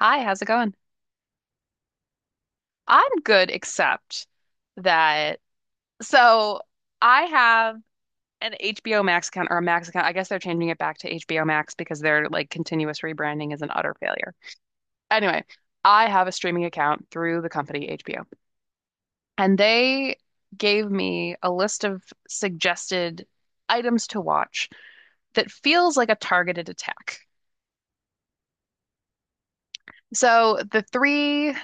Hi, how's it going? I'm good, except that, so I have an HBO Max account or a Max account. I guess they're changing it back to HBO Max because their like continuous rebranding is an utter failure. Anyway, I have a streaming account through the company HBO, and they gave me a list of suggested items to watch that feels like a targeted attack. So the three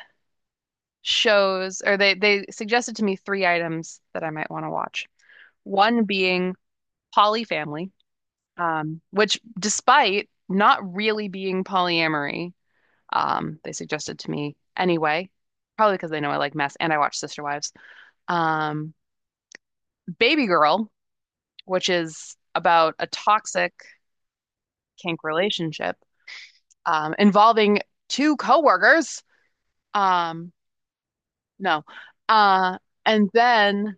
shows, or they suggested to me three items that I might want to watch. One being polyfamily, which, despite not really being polyamory, they suggested to me anyway, probably because they know I like mess and I watch Sister Wives. Um, Baby Girl, which is about a toxic kink relationship involving two coworkers. Um, no. Uh, and then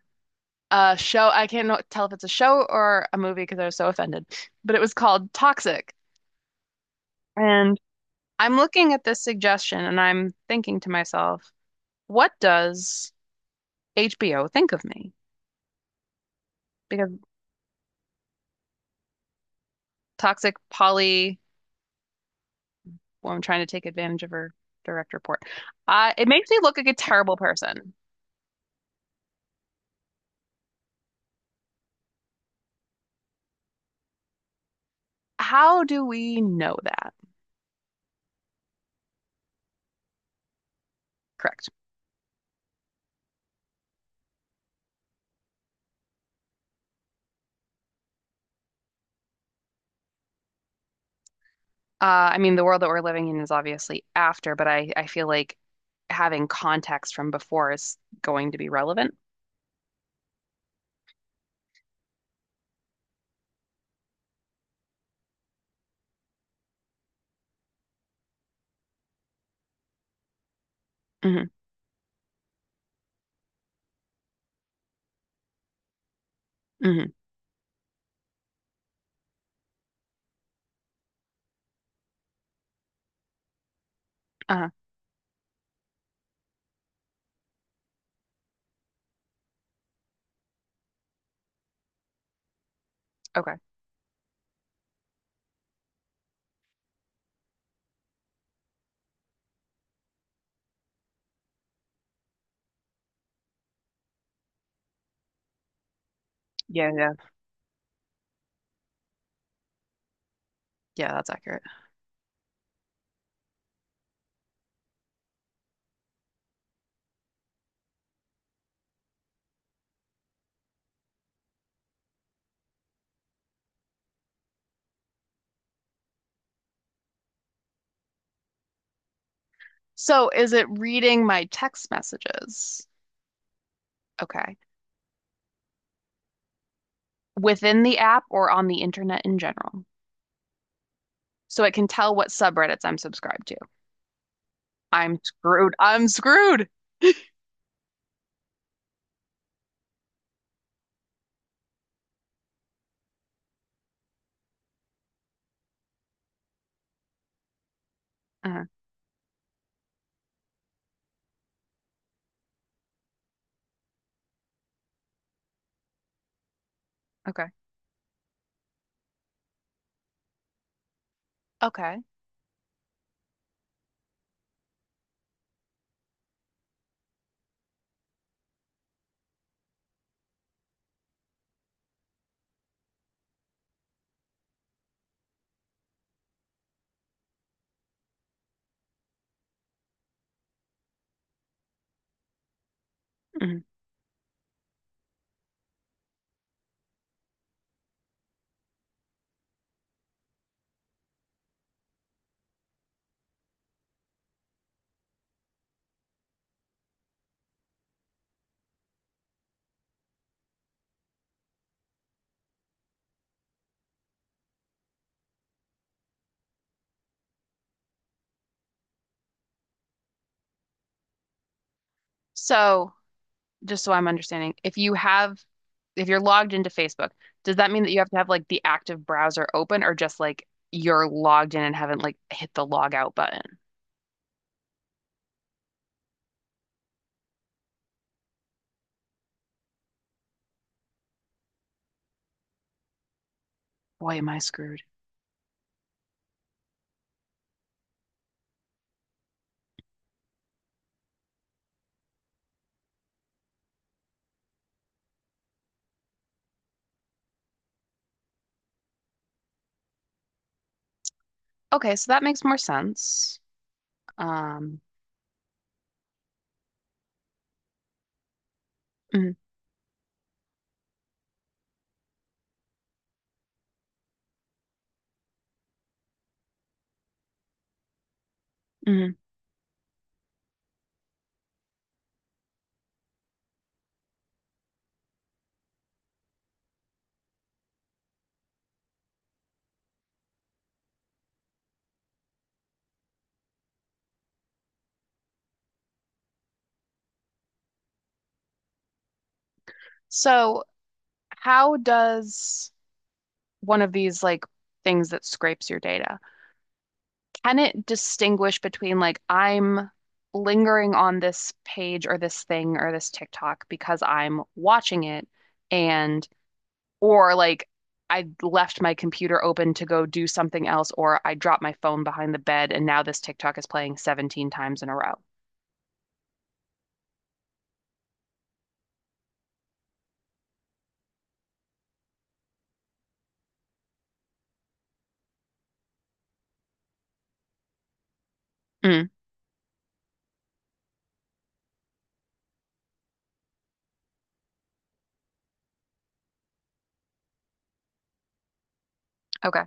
a show, I can't tell if it's a show or a movie because I was so offended, but it was called Toxic. And I'm looking at this suggestion and I'm thinking to myself, what does HBO think of me? Because Toxic Polly, well, I'm trying to take advantage of her direct report. It makes me look like a terrible person. How do we know that? Correct. Uh, I mean, the world that we're living in is obviously after, but I feel like having context from before is going to be relevant. Hmm. Hmm. Uh-huh. Okay. Yeah, yeah. Yeah, that's accurate. So is it reading my text messages? Okay. Within the app or on the internet in general. So it can tell what subreddits I'm subscribed to. I'm screwed. I'm screwed. Uh, okay. Okay. Mhm. So just so I'm understanding, if you have, if you're logged into Facebook, does that mean that you have to have like the active browser open or just like you're logged in and haven't like hit the log out button? Boy, am I screwed. Okay, so that makes more sense. Um, mhm, mhm. So how does one of these like things that scrapes your data, can it distinguish between like I'm lingering on this page or this thing or this TikTok because I'm watching it and or like I left my computer open to go do something else or I dropped my phone behind the bed and now this TikTok is playing 17 times in a row. Mm, okay.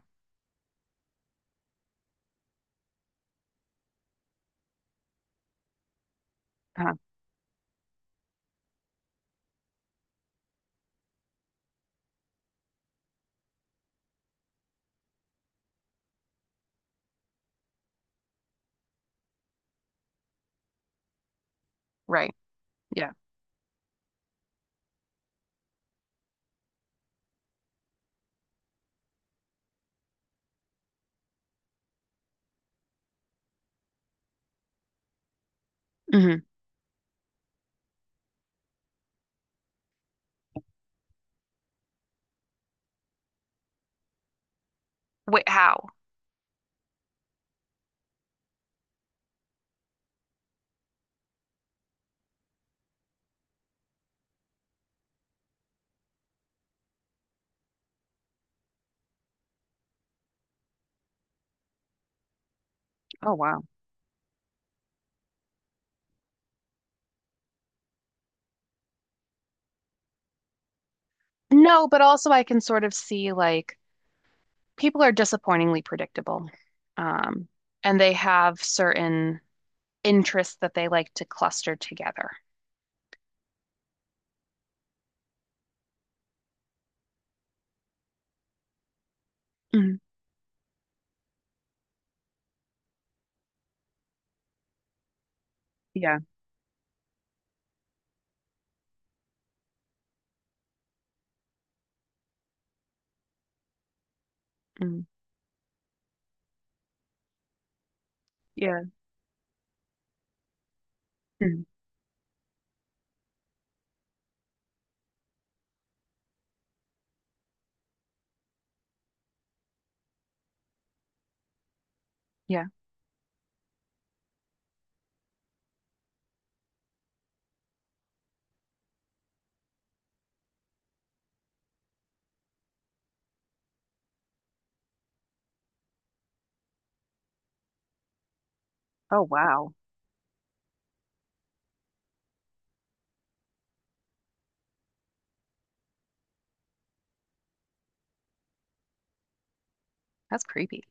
Uh-huh. Right. Yeah. Hmm. Wait, how? Oh, wow. No, but also I can sort of see like people are disappointingly predictable. Um, and they have certain interests that they like to cluster together. Mm, yeah. Mm, yeah. Mm. Yeah. Oh, wow. That's creepy.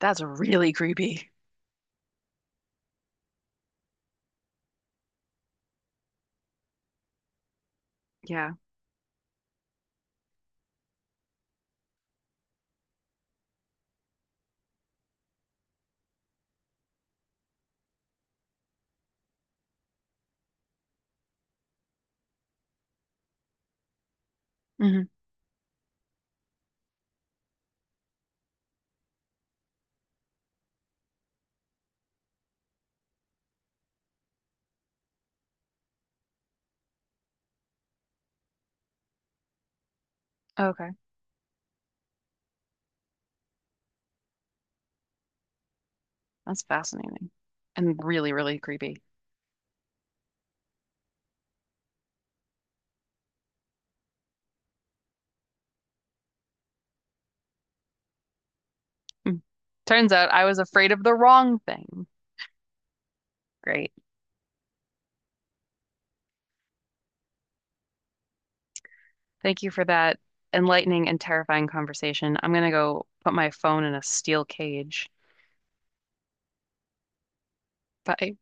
That's really creepy. Yeah. Hmm. Okay, that's fascinating and really, really creepy. Mm. Turns out I was afraid of the wrong thing. Great. Thank you for that enlightening and terrifying conversation. I'm gonna go put my phone in a steel cage. Bye.